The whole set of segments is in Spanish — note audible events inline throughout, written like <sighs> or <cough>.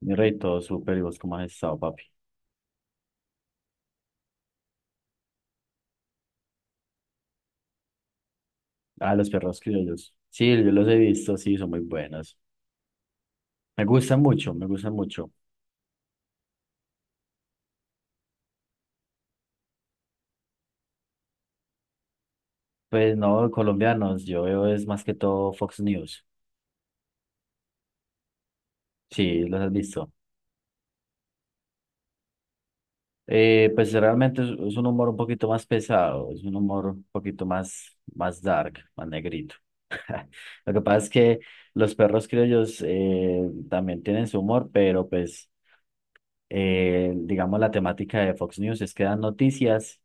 Mi rey, todo súper. ¿Y vos cómo has estado, papi? Ah, los perros criollos. Sí, yo los he visto, sí, son muy buenos. Me gustan mucho, me gustan mucho. Pues no, colombianos, yo veo es más que todo Fox News. Sí, los has visto. Pues realmente es un humor un poquito más pesado, es un humor un poquito más, más dark, más negrito. Lo que pasa es que los perros criollos también tienen su humor, pero pues, digamos, la temática de Fox News es que dan noticias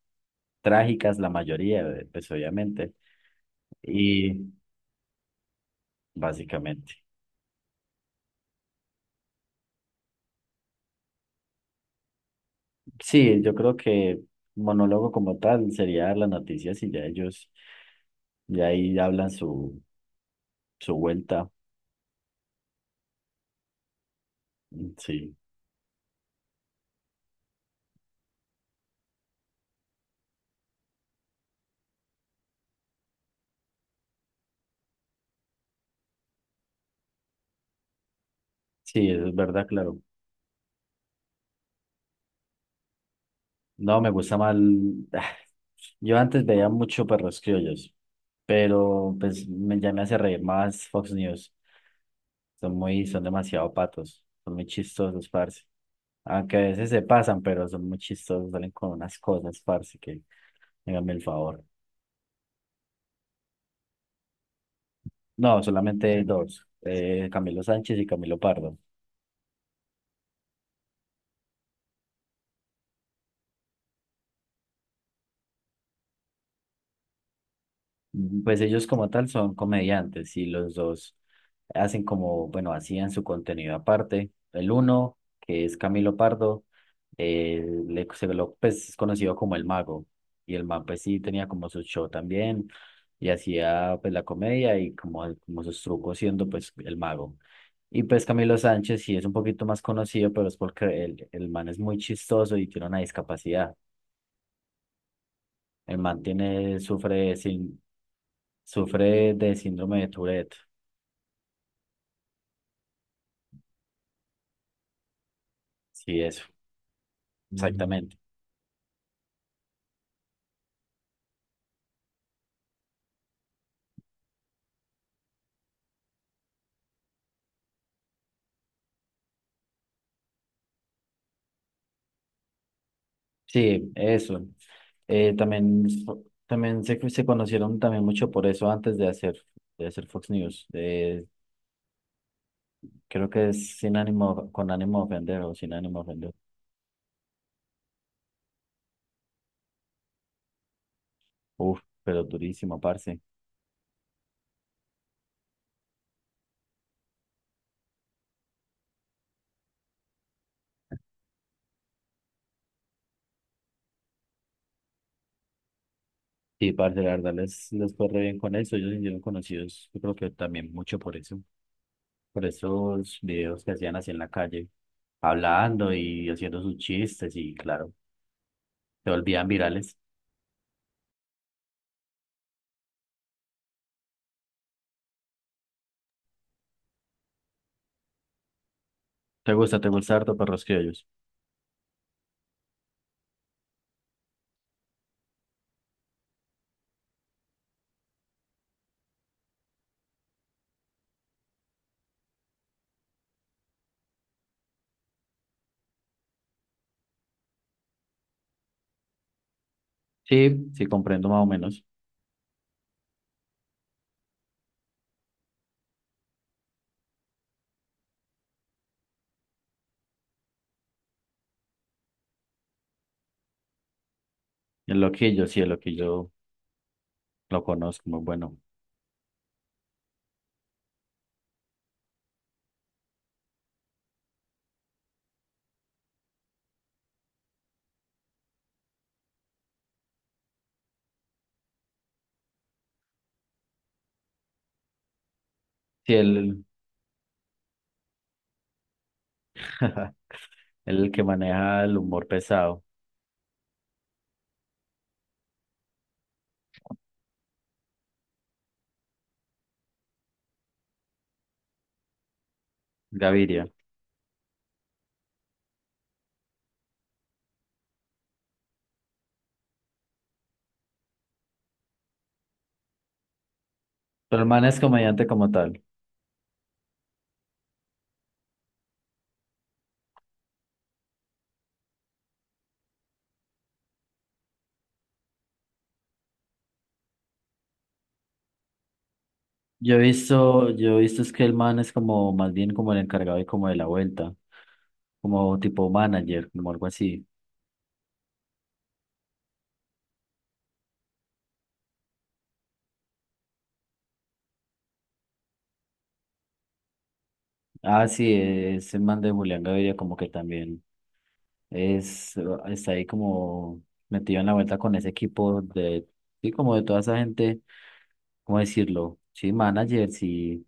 trágicas la mayoría, pues obviamente, y básicamente. Sí, yo creo que monólogo como tal sería dar las noticias y ya ellos, ya ahí hablan su, su vuelta. Mm, sí, sí, eso es verdad, claro. No, me gusta mal. <sighs> Yo antes veía mucho perros criollos, pero pues ya me hace reír más Fox News. Son muy, son demasiado patos, son muy chistosos, parce. Aunque a veces se pasan, pero son muy chistosos, salen con unas cosas, parce, que háganme el favor. No, solamente hay dos, Camilo Sánchez y Camilo Pardo. Mm, pues ellos como tal son comediantes y los dos hacen como, bueno, hacían su contenido aparte. El uno, que es Camilo Pardo, él, pues, es conocido como el mago. Y el man, pues sí, tenía como su show también y hacía pues la comedia y como, como sus trucos siendo pues el mago. Y pues Camilo Sánchez sí es un poquito más conocido, pero es porque el man es muy chistoso y tiene una discapacidad. El man tiene, sufre de, sin- sufre de síndrome de Tourette. Sí, eso, mm, exactamente. Sí, eso. También, también se conocieron también mucho por eso antes de hacer Fox News. Creo que es sin ánimo, con ánimo de ofender o sin ánimo de ofender. Uf, pero durísimo, parce. Sí, parce, la verdad les, les fue re bien con eso. Ellos se hicieron conocidos, yo creo que también mucho por eso. Por esos videos que hacían así en la calle, hablando y haciendo sus chistes y claro, se volvían virales. Te gusta harto Perros Criollos? Sí, sí, comprendo más o menos. El loquillo, sí, el loquillo lo conozco, muy bueno. Sí, él, <laughs> él es el que maneja el humor pesado, Gaviria. Pero el man es comediante como tal. Yo he visto es que el man es como, más bien como el encargado y como de la vuelta, como tipo manager, como algo así. Ah, sí, es el man de Julián Gaviria como que también es, está ahí como metido en la vuelta con ese equipo de, sí, como de toda esa gente, ¿cómo decirlo? Sí, managers y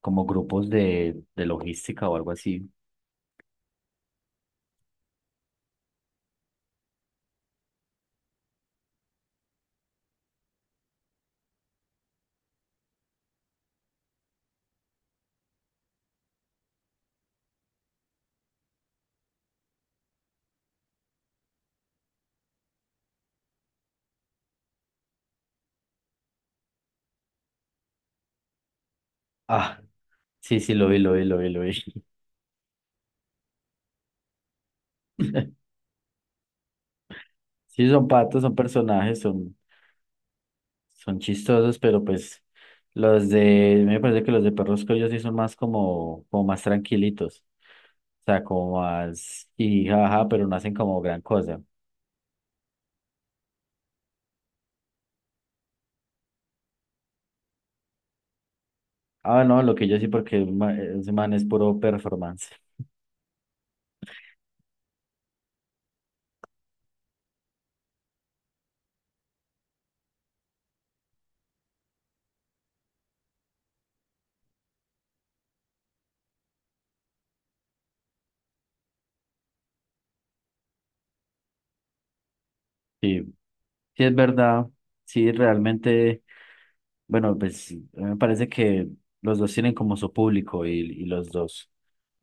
como grupos de logística o algo así. Ah, sí, sí, lo vi, lo vi, lo vi, lo vi. <laughs> Sí, son patos, son personajes, son, son chistosos, pero pues los de, me parece que los de Perros Coyos sí son más como, como más tranquilitos. O sea, como más y jaja, pero no hacen como gran cosa. Ah, no, lo que yo sí, porque ese man es puro performance. Sí, sí es verdad, sí, realmente. Bueno, pues a mí me parece que los dos tienen como su público y los dos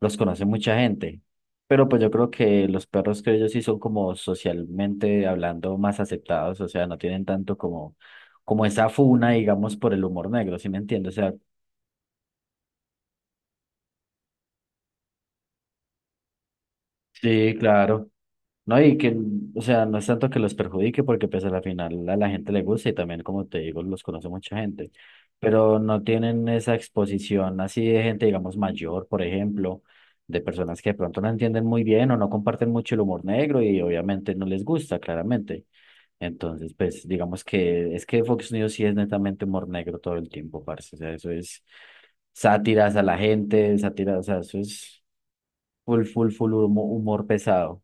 los conoce mucha gente. Pero pues yo creo que los perros que ellos sí son como socialmente hablando más aceptados, o sea, no tienen tanto como, como esa funa, digamos, por el humor negro, ¿sí me entiendes? O sea, sí, claro. No, y que, o sea, no es tanto que los perjudique, porque pues a la final a la gente le gusta y también, como te digo, los conoce mucha gente, pero no tienen esa exposición así de gente, digamos, mayor, por ejemplo, de personas que de pronto no entienden muy bien o no comparten mucho el humor negro y obviamente no les gusta, claramente. Entonces, pues, digamos que es que Fox News sí es netamente humor negro todo el tiempo, parce, o sea, eso es sátiras a la gente, sátiras, o sea, eso es full, full, full humor pesado.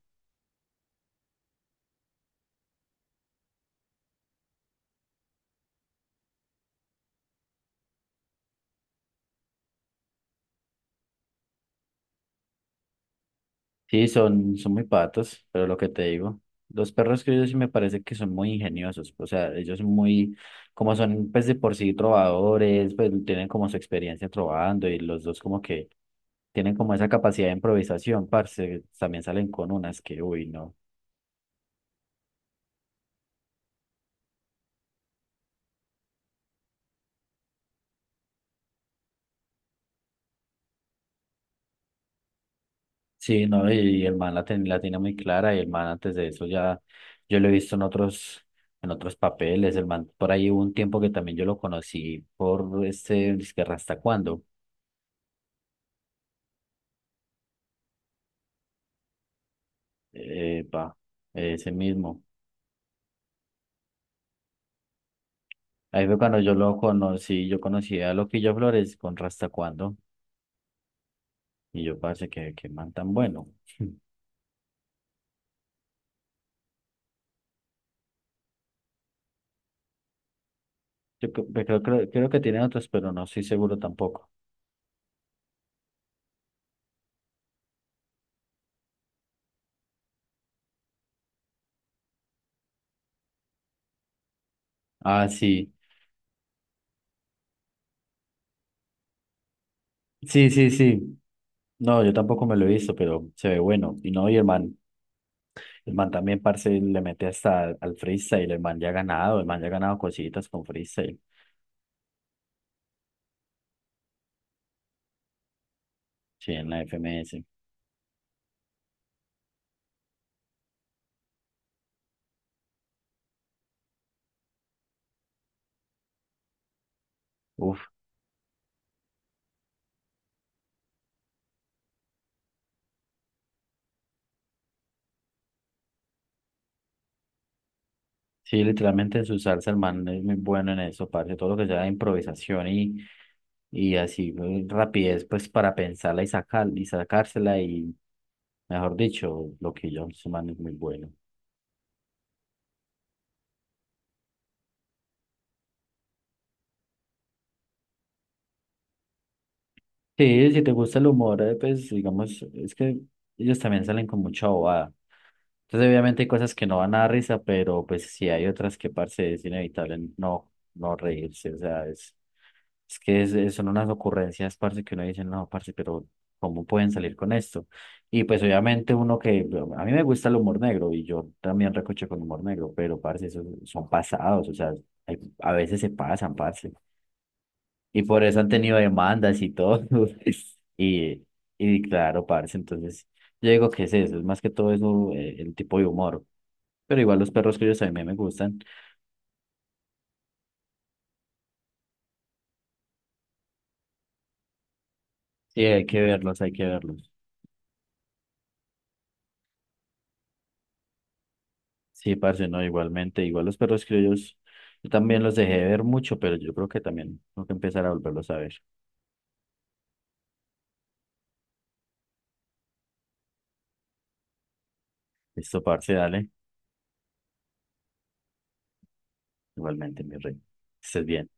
Sí, son, son muy patos, pero lo que te digo, los perros criollos sí me parece que son muy ingeniosos, o sea, ellos son muy, como son pues de por sí trovadores, pues tienen como su experiencia trovando y los dos como que tienen como esa capacidad de improvisación, parce, también salen con unas que, uy, no. Sí, no, y el man la, la tiene muy clara y el man antes de eso ya, yo lo he visto en otros papeles, el man por ahí hubo un tiempo que también yo lo conocí por este, es que Rasta Cuando. Epa, ese mismo. Ahí fue cuando yo lo conocí, yo conocí a Loquillo Flores con Rastacuando y yo parece que man tan bueno. <laughs> Creo, creo que tiene otros, pero no estoy seguro tampoco. Ah, sí, sí, sí, sí. No, yo tampoco me lo he visto, pero se ve bueno. Y no, y el man también, parce, le mete hasta al freestyle, el man ya ha ganado, el man ya ha ganado cositas con freestyle, sí, en la FMS. Uf, sí, literalmente su salsa, el man es muy bueno en eso, parce, todo lo que sea improvisación y así rapidez, pues para pensarla y sacar, y sacársela y, mejor dicho, lo que yo, ese man es muy bueno. Sí, si te gusta el humor, pues digamos, es que ellos también salen con mucha bobada. Entonces, obviamente hay cosas que no van a dar risa, pero pues sí hay otras que, parce, es inevitable no, no reírse, o sea, es... son unas ocurrencias, parce, que uno dice, no, parce, pero ¿cómo pueden salir con esto? Y pues obviamente uno que, bueno, a mí me gusta el humor negro y yo también recoche con humor negro, pero parce, esos son pasados, o sea, a veces se pasan, parce. Y por eso han tenido demandas y todo. <laughs> Y, y claro, parce, entonces yo digo que es eso, es más que todo eso, el tipo de humor. Pero igual los perros que ellos también me gustan y hay que verlos, hay que verlos. Sí, parce, no, igualmente, igual los perros criollos, yo también los dejé de ver mucho, pero yo creo que también tengo que empezar a volverlos a ver. Listo, parce, dale, igualmente, mi rey. Que estés bien.